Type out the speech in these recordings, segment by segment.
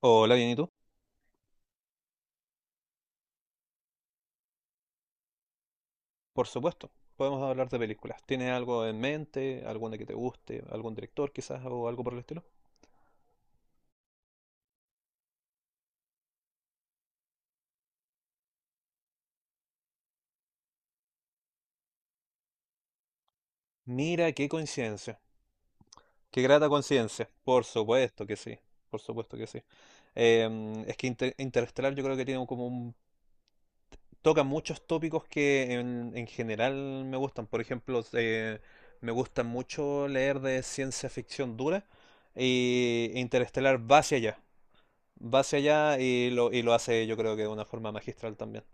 Hola, bien, ¿y tú? Por supuesto, podemos hablar de películas. ¿Tienes algo en mente? ¿Alguna que te guste? ¿Algún director quizás o algo por el estilo? Mira, qué coincidencia. Qué grata coincidencia. Por supuesto que sí. Por supuesto que sí. Es que Interestelar yo creo que toca muchos tópicos que en general me gustan. Por ejemplo, me gusta mucho leer de ciencia ficción dura y Interestelar va hacia allá. Va hacia allá y lo hace yo creo que de una forma magistral también.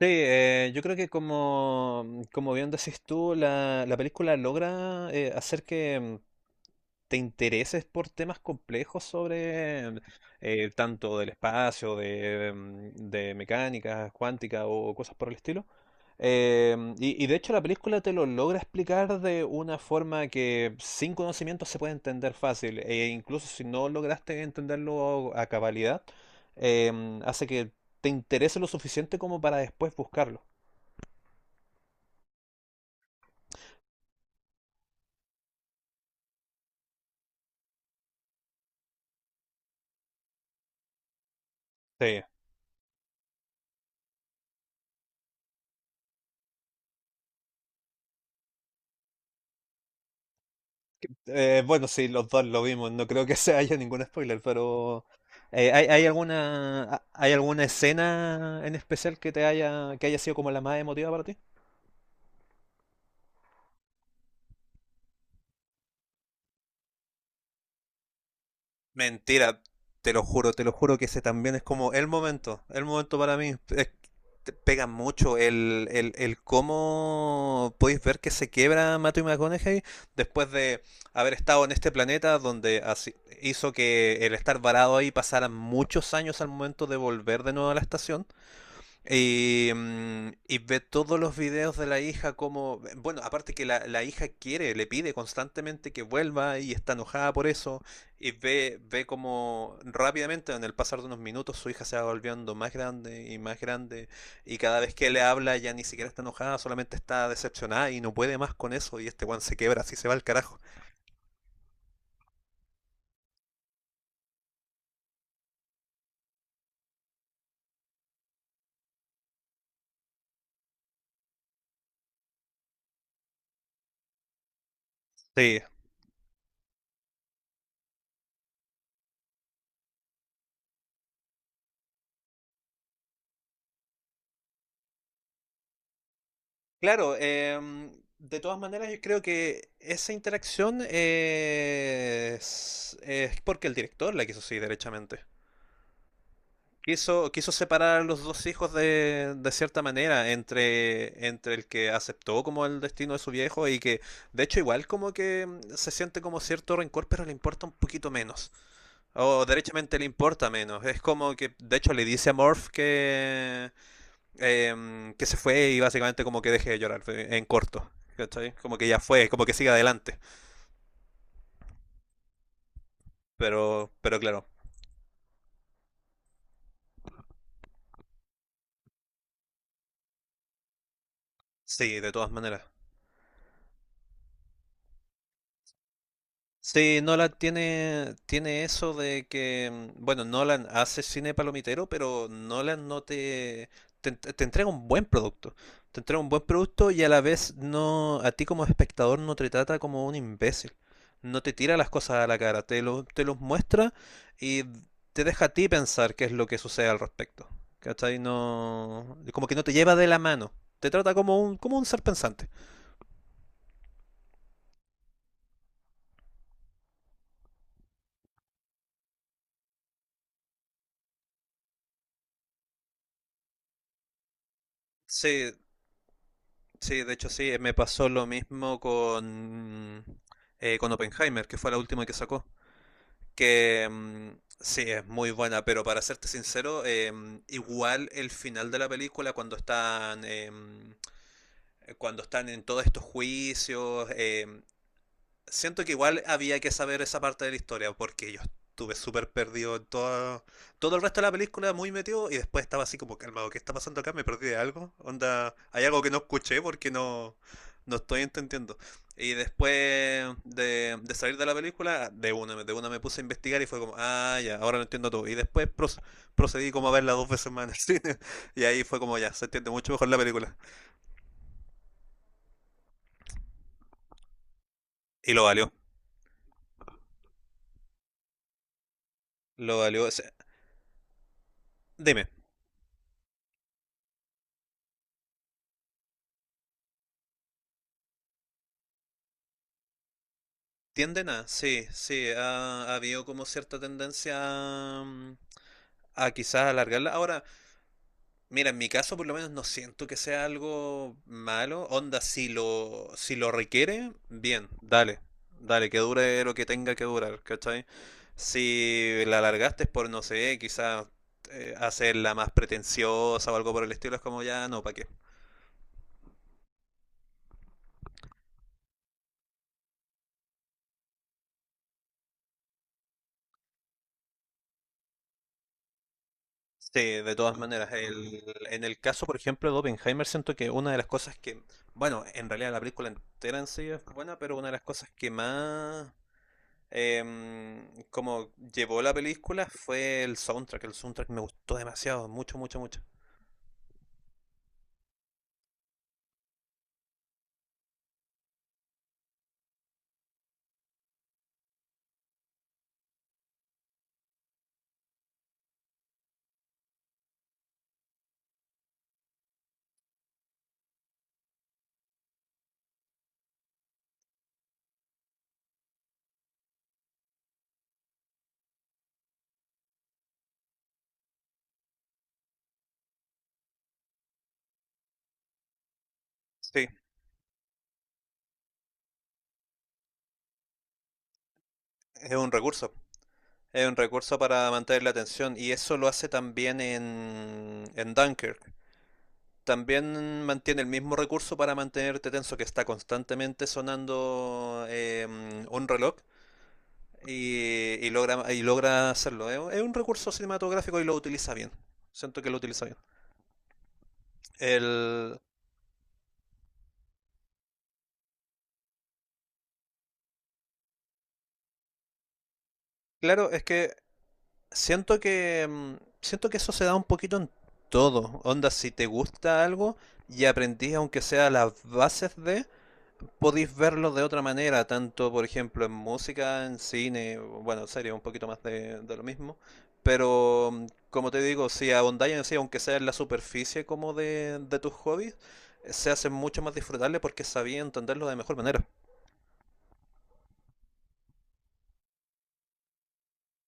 Sí, yo creo que como bien decís tú, la película logra hacer que te intereses por temas complejos sobre tanto del espacio, de mecánica cuántica o cosas por el estilo. Y de hecho la película te lo logra explicar de una forma que sin conocimiento se puede entender fácil, e incluso si no lograste entenderlo a cabalidad, eh, hace que te interese lo suficiente como para después buscarlo. Sí. Bueno, sí, los dos lo vimos. No creo que se haya ningún spoiler, pero ¿hay alguna escena en especial que haya sido como la más emotiva para ti? Mentira, te lo juro que ese también es como el momento para mí. Te pega mucho el cómo podéis ver que se quiebra Matthew McConaughey después de haber estado en este planeta hizo que el estar varado ahí pasaran muchos años al momento de volver de nuevo a la estación. Y ve todos los videos de la hija como, bueno, aparte que la hija quiere, le pide constantemente que vuelva y está enojada por eso, y ve como rápidamente, en el pasar de unos minutos, su hija se va volviendo más grande, y cada vez que le habla ya ni siquiera está enojada, solamente está decepcionada y no puede más con eso, y este Juan se quebra, así se va al carajo. Sí. Claro, de todas maneras yo creo que esa interacción es porque el director la quiso así, derechamente. Quiso separar a los dos hijos de cierta manera entre el que aceptó como el destino de su viejo y que de hecho igual como que se siente como cierto rencor, pero le importa un poquito menos. O derechamente le importa menos. Es como que de hecho le dice a Morph que se fue y básicamente como que deje de llorar en corto. ¿Cachai? Como que ya fue, como que siga adelante. Pero claro, sí, de todas maneras. Sí, Nolan tiene eso de que, bueno, Nolan hace cine palomitero, pero Nolan no te entrega un buen producto. Te entrega un buen producto y a la vez no, a ti como espectador no te trata como un imbécil. No te tira las cosas a la cara, te los muestra y te deja a ti pensar qué es lo que sucede al respecto. ¿Cachai? No, como que no te lleva de la mano. Te trata como un ser pensante. Sí. Sí, de hecho sí, me pasó lo mismo con Oppenheimer, que fue la última que sacó. Que sí, es muy buena, pero para serte sincero, igual el final de la película, cuando están en todos estos juicios, siento que igual había que saber esa parte de la historia, porque yo estuve súper perdido en todo el resto de la película, muy metido, y después estaba así como calmado, ¿qué está pasando acá? ¿Me perdí de algo? Onda, hay algo que no escuché porque no estoy entendiendo. Y después de salir de la película, de una me puse a investigar y fue como, ah, ya, ahora lo entiendo todo. Y después procedí como a verla dos veces más en el cine. Y ahí fue como, ya, se entiende mucho mejor la película. Y lo valió, lo valió. O sea, dime. Tienden a, sí, sí, ha habido como cierta tendencia a, mm, a quizás alargarla. Ahora, mira, en mi caso por lo menos no siento que sea algo malo. Onda, si lo requiere, bien, dale, dale, que dure lo que tenga que durar, ¿cachai? Si la alargaste es por, no sé, quizás hacerla más pretenciosa o algo por el estilo, es como ya, no, ¿para qué? Sí, de todas maneras. En el caso, por ejemplo, de Oppenheimer, siento que una de las cosas que, bueno, en realidad la película entera en sí es buena, pero una de las cosas que más como llevó la película fue el soundtrack. El soundtrack me gustó demasiado, mucho, mucho, mucho. Sí, es un recurso. Es un recurso para mantener la atención y eso lo hace también en Dunkirk. También mantiene el mismo recurso para mantenerte tenso que está constantemente sonando un reloj y, y logra hacerlo. Es un recurso cinematográfico y lo utiliza bien. Siento que lo utiliza bien. El, claro, es que siento que eso se da un poquito en todo. Onda, si te gusta algo y aprendís aunque sea las bases de, podéis verlo de otra manera, tanto por ejemplo en música, en cine, bueno, serie, un poquito más de lo mismo. Pero como te digo, si ahondáis en sí, aunque sea en la superficie como de tus hobbies, se hace mucho más disfrutable porque sabía entenderlo de mejor manera.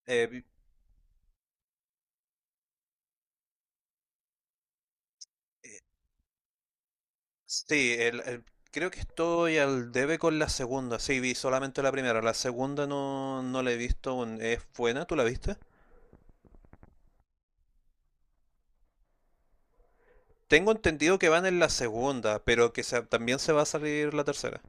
Eh, eh, sí, creo que estoy al debe con la segunda. Sí, vi solamente la primera. La segunda no la he visto aún. ¿Es buena? ¿Tú la viste? Tengo entendido que van en la segunda, pero que también se va a salir la tercera.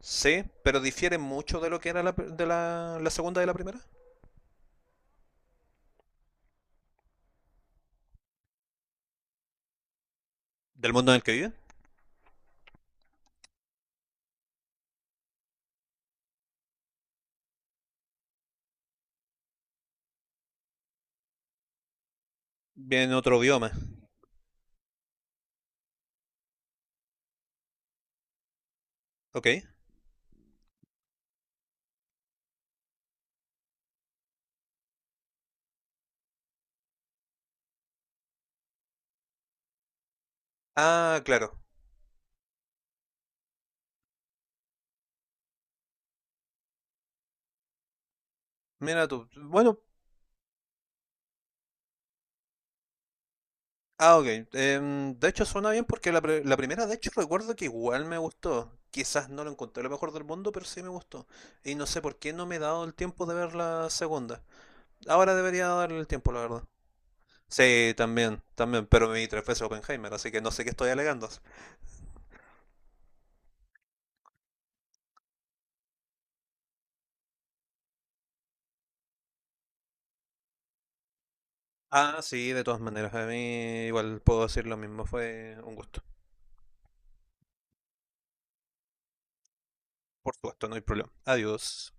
Sí, pero difiere mucho de lo que era la segunda de la primera. Del mundo en el que viven. Vienen en otro bioma. Ok. Ah, claro. Mira tú. Bueno, ah, ok. De hecho, suena bien porque la primera, de hecho, recuerdo que igual me gustó. Quizás no lo encontré lo mejor del mundo, pero sí me gustó. Y no sé por qué no me he dado el tiempo de ver la segunda. Ahora debería darle el tiempo, la verdad. Sí, también, también, pero me vi tres veces Oppenheimer, así que no sé qué estoy alegando. Ah, sí, de todas maneras, a mí igual puedo decir lo mismo, fue un gusto. Por supuesto, no hay problema. Adiós.